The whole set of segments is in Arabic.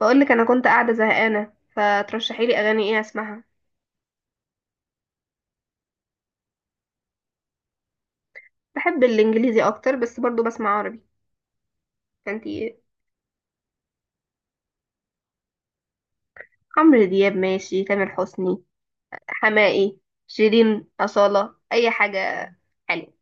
بقول لك انا كنت قاعده زهقانه فترشحي لي اغاني ايه اسمعها. بحب الانجليزي اكتر بس برضو بسمع عربي فانتي. عمرو دياب ماشي، تامر حسني، حماقي، شيرين، أصالة، اي حاجه حلوه.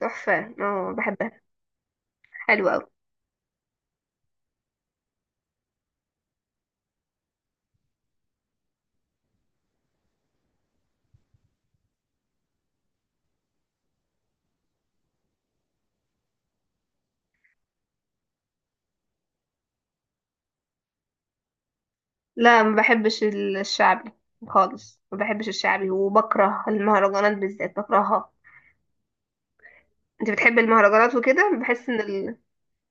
تحفه، اه بحبها. حلوه قوي. لا ما بحبش الشعبي خالص، ما بحبش الشعبي، وبكره المهرجانات بالذات بكرهها. انت بتحب المهرجانات وكده، بحس ان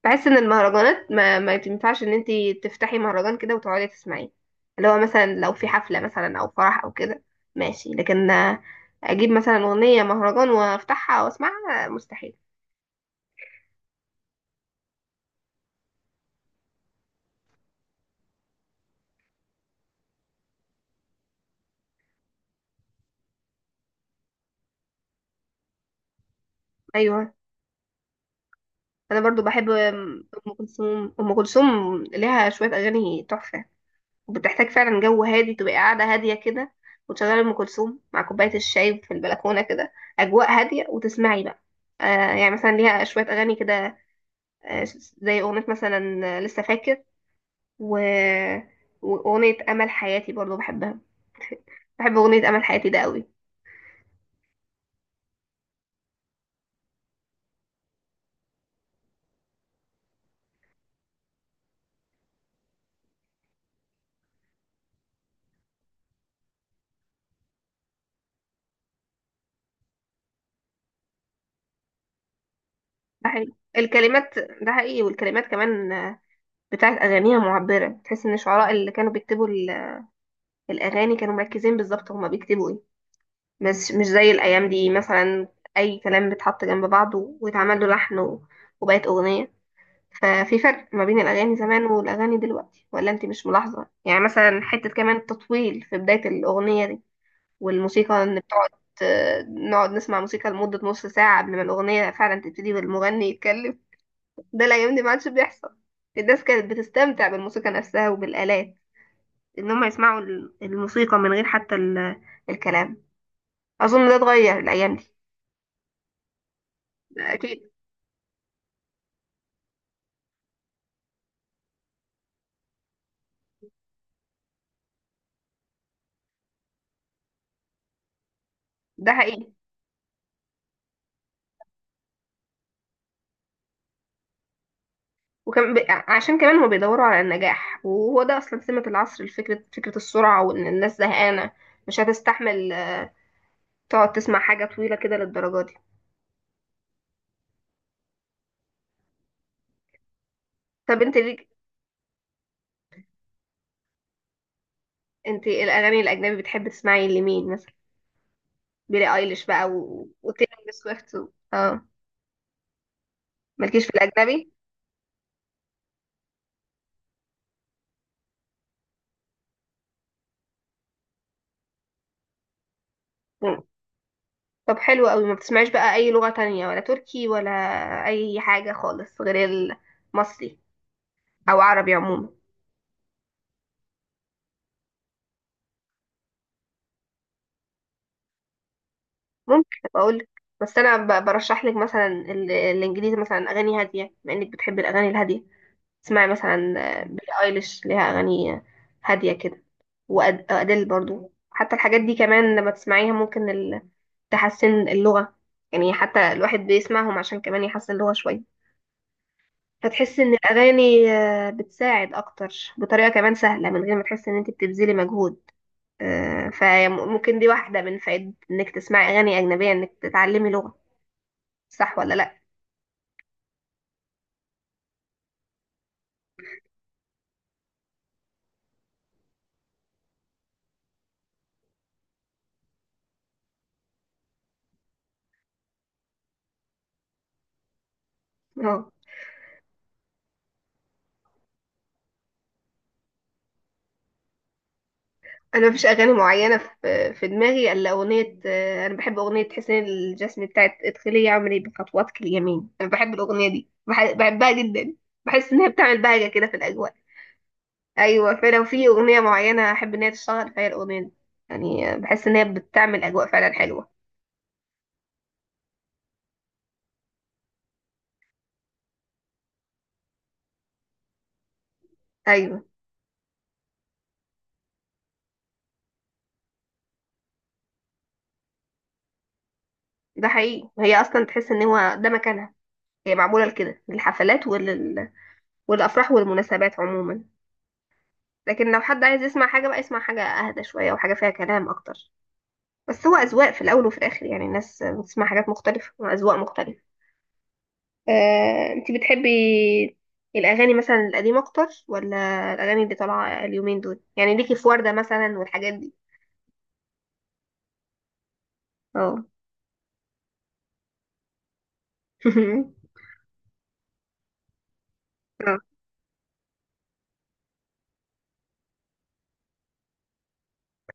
بحس ان المهرجانات ما تنفعش ان انتي تفتحي مهرجان كده وتقعدي تسمعيه. اللي هو مثلا لو في حفلة مثلا او فرح او كده ماشي، لكن اجيب مثلا اغنية مهرجان وافتحها واسمعها، مستحيل. ايوه، انا برضو بحب ام كلثوم ليها شوية اغاني تحفة، وبتحتاج فعلا جو هادي، تبقى قاعدة هادية كده وتشغلي ام كلثوم مع كوباية الشاي في البلكونة كده، اجواء هادية وتسمعي بقى. آه، يعني مثلا ليها شوية اغاني كده، آه، زي أغنية مثلا، لسه فاكر و... وأغنية أمل حياتي برضو بحبها، بحب أغنية أمل حياتي ده قوي. ده حقيقي الكلمات، ده حقيقي، والكلمات كمان بتاعت أغانيها معبرة، تحس إن الشعراء اللي كانوا بيكتبوا الأغاني كانوا مركزين بالظبط هما بيكتبوا إيه، مش زي الأيام دي مثلا. أي كلام بيتحط جنب بعضه ويتعمل له لحن وبقت أغنية. ففي فرق ما بين الأغاني زمان والأغاني دلوقتي، ولا أنت مش ملاحظة؟ يعني مثلا حتة كمان التطويل في بداية الأغنية دي والموسيقى، ان بتقعد نقعد نسمع موسيقى لمدة نص ساعة قبل ما الأغنية فعلا تبتدي والمغني يتكلم. ده الأيام دي ما عادش بيحصل. الناس كانت بتستمتع بالموسيقى نفسها وبالآلات، إن هم يسمعوا الموسيقى من غير حتى الكلام. أظن ده اتغير الأيام دي. ده أكيد. ده حقيقي. عشان كمان هما بيدوروا على النجاح، وهو ده أصلا سمة العصر، الفكرة فكرة السرعة، وإن الناس زهقانة مش هتستحمل تقعد تسمع حاجة طويلة كده للدرجة دي. طب انت ليك، انت ايه الاغاني الاجنبي بتحبي تسمعي لمين مثلا؟ بيلي ايليش بقى وتيلر سويفت اه. مالكيش في الاجنبي. مم. طب حلو قوي، ما بتسمعيش بقى اي لغة تانية، ولا تركي ولا اي حاجة خالص غير المصري او عربي عموما؟ ممكن اقول، بس انا برشح لك مثلا الانجليزي، مثلا اغاني هادية بما انك بتحبي الاغاني الهادية. اسمعي مثلا بيلي ايليش ليها اغاني هادية كده، وأديل برضو، حتى الحاجات دي كمان لما تسمعيها ممكن تحسن اللغة. يعني حتى الواحد بيسمعهم عشان كمان يحسن اللغة شوية، فتحس ان الاغاني بتساعد اكتر بطريقة كمان سهلة من غير ما تحس ان انت بتبذلي مجهود. فممكن دي واحدة من فائدة انك تسمعي اغاني اجنبية، انك تتعلمي لغة. صح ولا لا؟ اه، انا مفيش اغاني معينة في دماغي الا اغنية، انا بحب اغنية حسين الجسمي بتاعت ادخلي يا عمري بخطواتك اليمين. انا بحب الاغنية دي بحبها جدا. بحس ان هي بتعمل بهجة كده في الاجواء. ايوه، فلو في اغنيه معينه احب ان هي تشتغل فهي الاغنيه دي. يعني بحس ان هي بتعمل اجواء فعلا حلوه. ايوه، ده حقيقي. هي اصلا تحس ان هو ده مكانها، هي معموله لكده، للحفلات والافراح والمناسبات عموما. لكن لو حد عايز يسمع حاجه بقى، يسمع حاجه اهدى شويه وحاجه فيها كلام اكتر. بس هو اذواق في الاول وفي الاخر، يعني الناس بتسمع حاجات مختلفه واذواق مختلفه. آه، انت بتحبي الاغاني مثلا القديمه اكتر، ولا الاغاني اللي طالعه اليومين دول؟ يعني ليكي في ورده مثلا والحاجات دي. اه اه،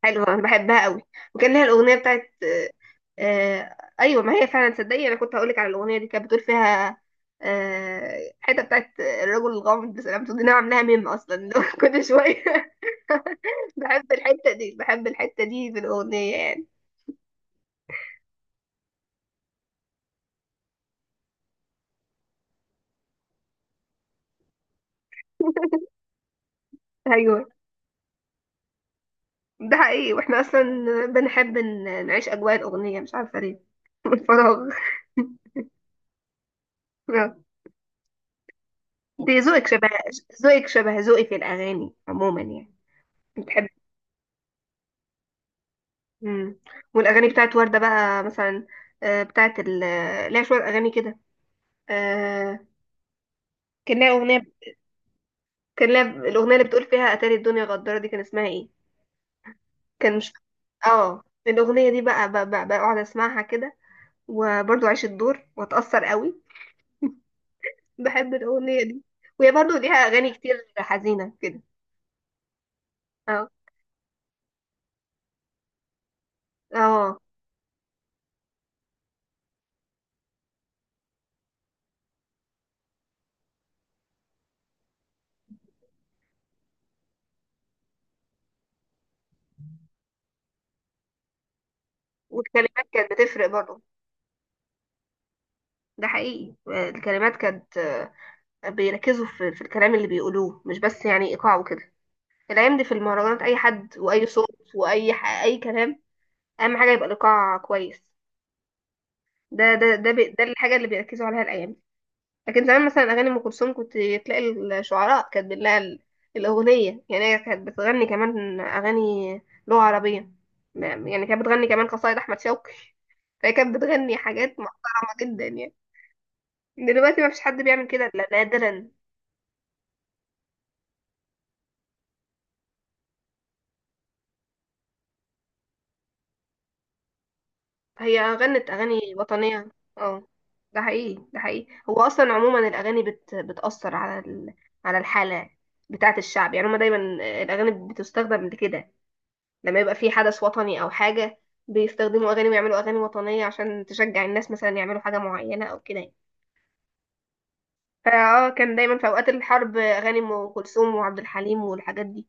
حلوة انا بحبها قوي. وكان لها الاغنية بتاعت آه، ايوه ما هي فعلا. تصدقي انا كنت هقولك على الاغنية دي؟ كانت بتقول فيها، آه حتة بتاعت الرجل الغامض سلامته دي، انا عاملاها ميم اصلا لو كل شوية. بحب الحتة دي، بحب الحتة دي في الاغنية يعني. ايوه ده حقيقي، واحنا اصلا بنحب نعيش اجواء الاغنية، مش عارفة ليه. من الفراغ. آه. دي ذوقك شبه، ذوقك شبه ذوقي في الاغاني عموما يعني. مم. والاغاني بتاعت وردة بقى مثلا، بتاعت ال ليها شوية اغاني كده، آه، كان لها اغنية. كان لها الاغنية اللي بتقول فيها اتاري الدنيا غدارة دي، كان اسمها ايه؟ كان مش، اه الاغنية دي بقى بقعد اسمعها كده، وبرضو اعيش الدور واتأثر قوي. بحب الاغنية دي. وهي برضو ليها اغاني كتير حزينة كده. اه. اه. والكلمات كانت بتفرق برضو، ده حقيقي. الكلمات كانت بيركزوا في الكلام اللي بيقولوه، مش بس يعني ايقاع وكده. الايام دي في المهرجانات اي حد واي صوت اي كلام، اهم حاجه يبقى الايقاع كويس. ده الحاجه اللي بيركزوا عليها الايام دي. لكن زمان مثلا اغاني ام كلثوم كنت تلاقي الشعراء كاتبين لها الاغنيه، يعني هي كانت بتغني كمان اغاني لغه عربيه، يعني كانت بتغني كمان قصايد احمد شوقي. فهي كانت بتغني حاجات محترمه جدا يعني. دلوقتي ما فيش حد بيعمل كده الا نادرا. هي غنت اغاني وطنيه. اه، ده حقيقي، ده حقيقي. هو اصلا عموما الاغاني بتاثر على على الحاله بتاعه الشعب، يعني هما دايما الاغاني بتستخدم لكده، لما يبقى في حدث وطني او حاجه بيستخدموا اغاني ويعملوا اغاني وطنيه عشان تشجع الناس مثلا يعملوا حاجه معينه او كده يعني. فاه كان دايما في اوقات الحرب اغاني ام كلثوم وعبد الحليم والحاجات دي،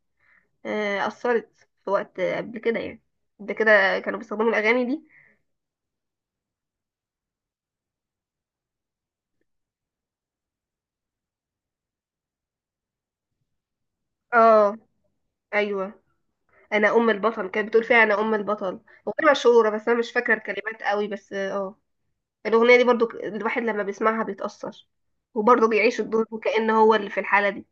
اثرت في وقت قبل كده يعني، قبل كده كانوا بيستخدموا الاغاني دي. اه، ايوه، انا ام البطل كانت بتقول فيها انا ام البطل. اغنيه مشهوره بس انا مش فاكره الكلمات قوي، بس اه الاغنيه دي برضو الواحد لما بيسمعها بيتاثر، وبرضو بيعيش الدور وكأن هو اللي في الحاله دي.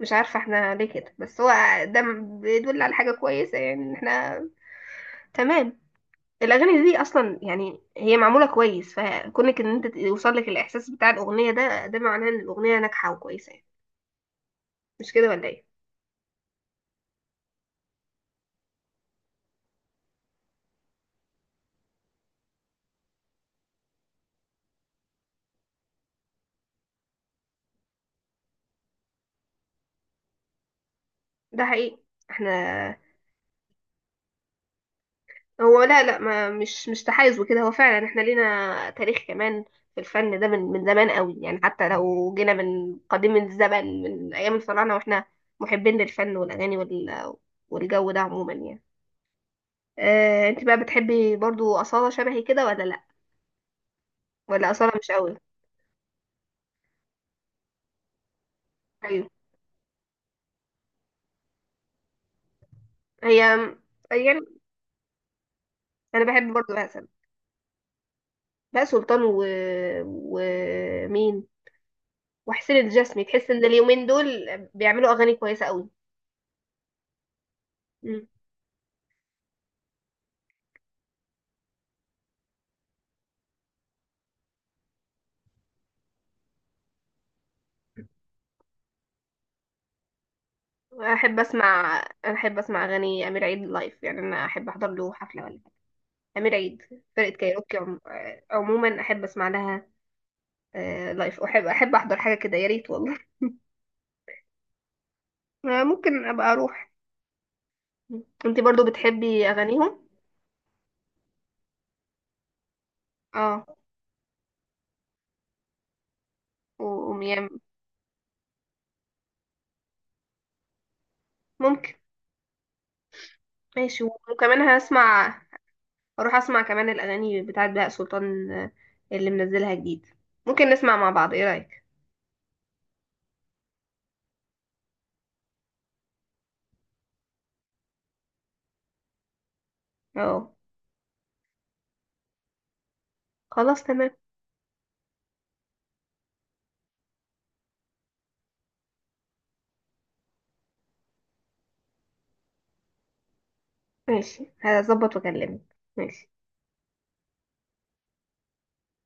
مش عارفه احنا ليه كده، بس هو ده بيدل على حاجه كويسه، يعني ان احنا تمام. الاغاني دي اصلا يعني هي معموله كويس، فكونك ان انت يوصل لك الاحساس بتاع الاغنيه ده، ده معناه ان الاغنيه ناجحه وكويسه يعني. مش كده ولا ايه؟ ده حقيقي. احنا، هو لا لا، ما مش مش تحيز وكده. هو فعلا احنا لينا تاريخ كمان في الفن ده، من زمان قوي يعني، حتى لو جينا من قديم الزمن من ايام الفراعنه واحنا محبين للفن والاغاني وال والجو ده عموما يعني. اه، انت بقى بتحبي برضو اصاله شبهي كده ولا لا؟ ولا اصاله مش قوي. ايوه. هي. يعني انا بحب برضو بقى سلمى بقى سلطان ومين، وحسين الجسمي، تحس ان اليومين دول بيعملوا اغاني كويسه قوي. احب اسمع، احب اسمع اغاني امير عيد لايف. يعني انا احب احضر له حفله ولا حاجه. امير عيد، فرقه كايروكي آه، عموما احب اسمع لها لايف. احب احب احضر حاجه كده، يا ريت والله. آه، ممكن ابقى اروح. انت برضو بتحبي اغانيهم؟ اه، وميام. ممكن. ماشي، وكمان هسمع، اروح اسمع كمان الاغاني بتاعت بهاء سلطان، اللي منزلها جديد. ممكن نسمع مع بعض، ايه رايك؟ اه، خلاص تمام. ماشي هظبط واكلمك. ماشي.